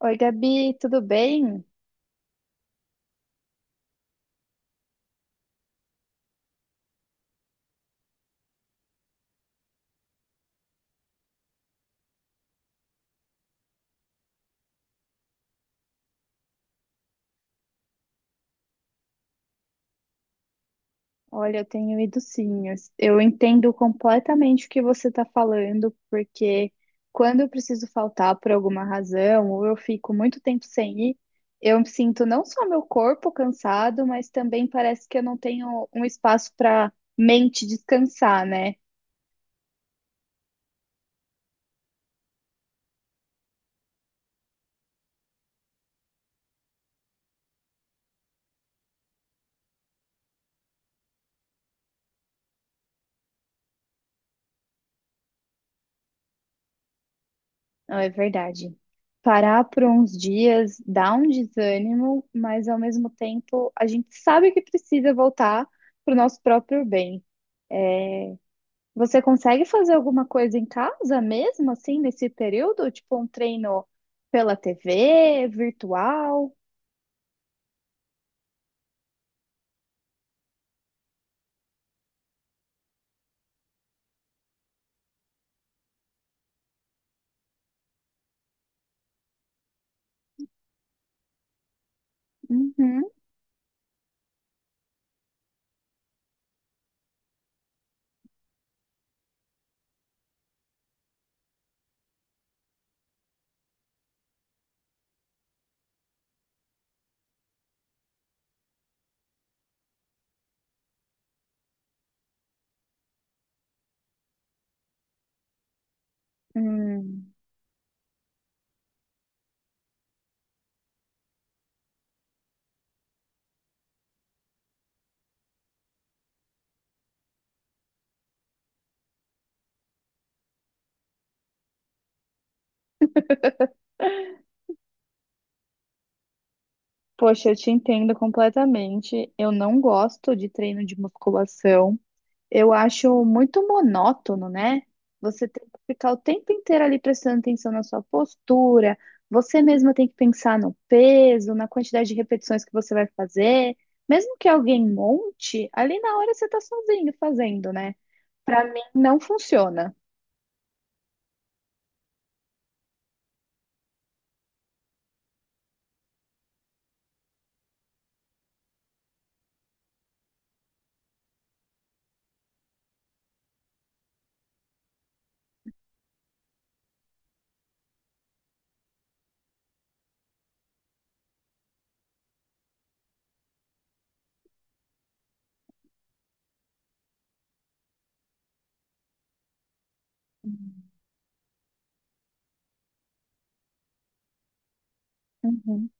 Oi, Gabi, tudo bem? Olha, eu tenho ido sim. Eu entendo completamente o que você está falando, porque quando eu preciso faltar por alguma razão, ou eu fico muito tempo sem ir, eu sinto não só meu corpo cansado, mas também parece que eu não tenho um espaço para mente descansar, né? Não, é verdade. Parar por uns dias dá um desânimo, mas ao mesmo tempo a gente sabe que precisa voltar para o nosso próprio bem. Você consegue fazer alguma coisa em casa mesmo, assim, nesse período? Tipo um treino pela TV, virtual? Uhum. Hum. Poxa, eu te entendo completamente. Eu não gosto de treino de musculação. Eu acho muito monótono, né? Você tem que ficar o tempo inteiro ali prestando atenção na sua postura, você mesma tem que pensar no peso, na quantidade de repetições que você vai fazer. Mesmo que alguém monte, ali na hora você tá sozinho fazendo, né? Pra mim não funciona. Uhum.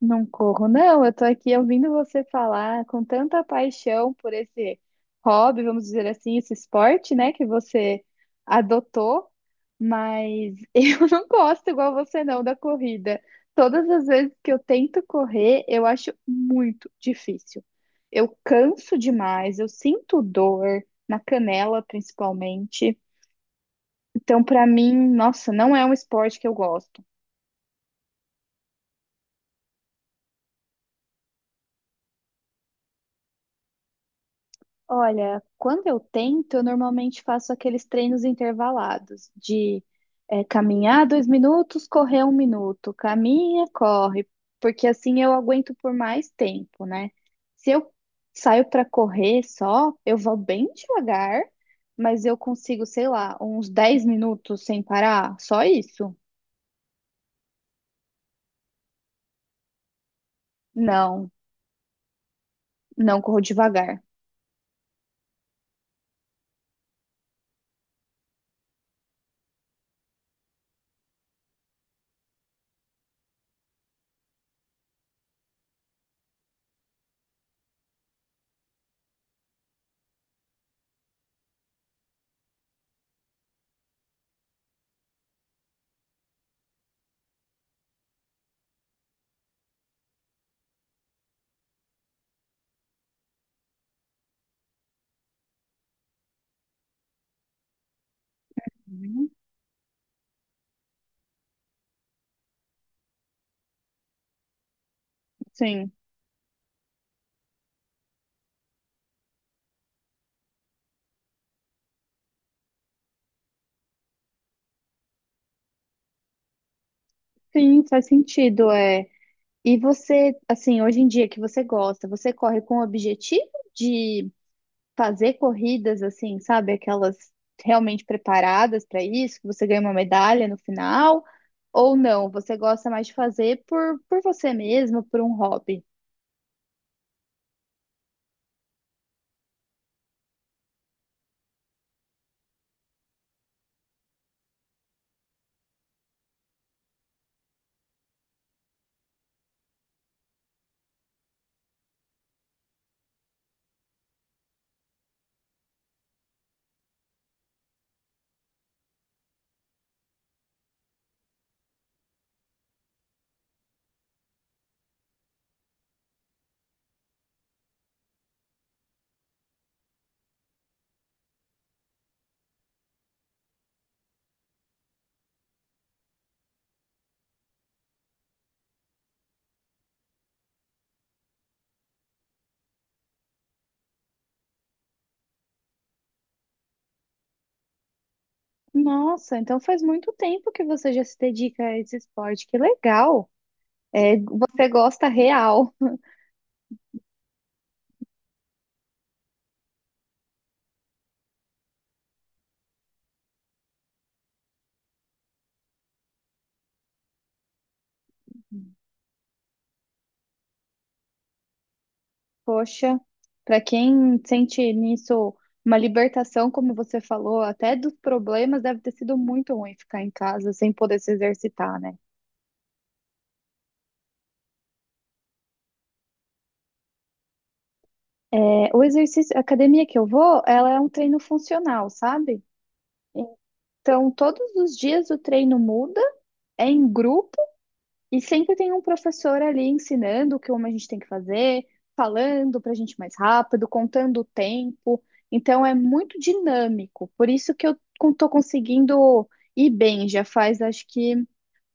Não corro, não. Eu tô aqui ouvindo você falar com tanta paixão por esse hobby, vamos dizer assim, esse esporte, né, que você adotou, mas eu não gosto igual você não da corrida. Todas as vezes que eu tento correr, eu acho muito difícil. Eu canso demais, eu sinto dor na canela, principalmente. Então, pra mim, nossa, não é um esporte que eu gosto. Olha, quando eu tento, eu normalmente faço aqueles treinos intervalados de caminhar 2 minutos, correr 1 minuto, caminha, corre, porque assim eu aguento por mais tempo, né? Se eu saio para correr só, eu vou bem devagar, mas eu consigo, sei lá, uns 10 minutos sem parar, só isso? Não, não corro devagar. Uhum. Sim, sim, faz sentido. É. E você, assim, hoje em dia que você gosta, você corre com o objetivo de fazer corridas assim, sabe, aquelas realmente preparadas para isso, que você ganha uma medalha no final, ou não? Você gosta mais de fazer por você mesmo, por um hobby? Nossa, então faz muito tempo que você já se dedica a esse esporte, que legal! É, você gosta real. Poxa, para quem sente nisso uma libertação, como você falou, até dos problemas, deve ter sido muito ruim ficar em casa sem poder se exercitar, né? É, o exercício, a academia que eu vou, ela é um treino funcional, sabe? Então, todos os dias o treino muda, é em grupo. E sempre tem um professor ali ensinando o que como a gente tem que fazer, falando para a gente mais rápido, contando o tempo. Então é muito dinâmico. Por isso que eu estou conseguindo ir bem. Já faz acho que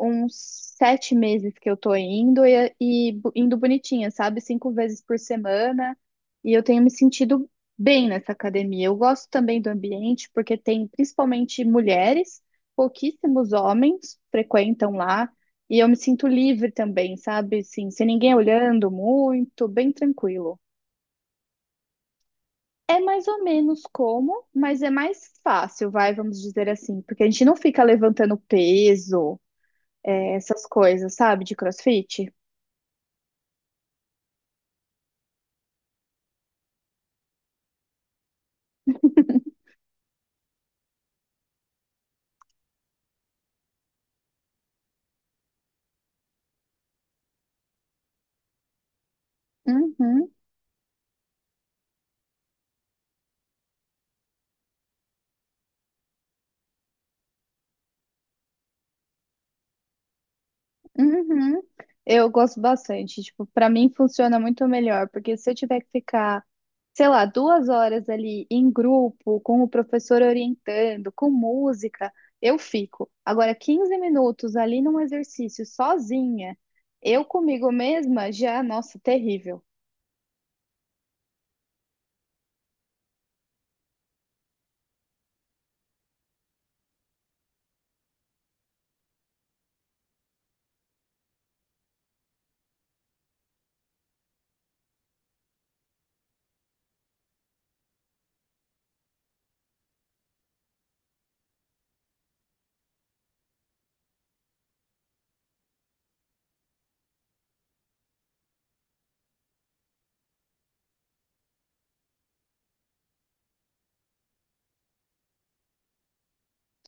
uns 7 meses que eu estou indo e indo bonitinha, sabe? 5 vezes por semana. E eu tenho me sentido bem nessa academia. Eu gosto também do ambiente, porque tem principalmente mulheres, pouquíssimos homens frequentam lá. E eu me sinto livre também, sabe? Assim, sem ninguém olhando muito, bem tranquilo. É mais ou menos como, mas é mais fácil, vai, vamos dizer assim, porque a gente não fica levantando peso, essas coisas, sabe, de CrossFit. Uhum. Uhum. Eu gosto bastante. Tipo, para mim funciona muito melhor, porque se eu tiver que ficar, sei lá, 2 horas ali em grupo, com o professor orientando, com música, eu fico. Agora, 15 minutos ali num exercício sozinha, eu comigo mesma, já, nossa, terrível.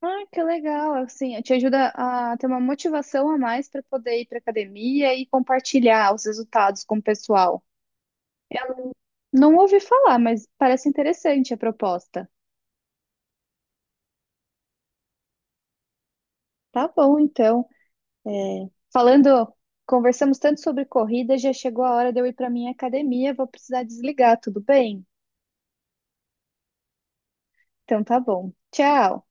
Ah, que legal, assim, te ajuda a ter uma motivação a mais para poder ir para academia e compartilhar os resultados com o pessoal. Não ouvi falar, mas parece interessante a proposta. Tá bom, então. É, falando, conversamos tanto sobre corrida, já chegou a hora de eu ir para minha academia, vou precisar desligar, tudo bem? Então tá bom. Tchau.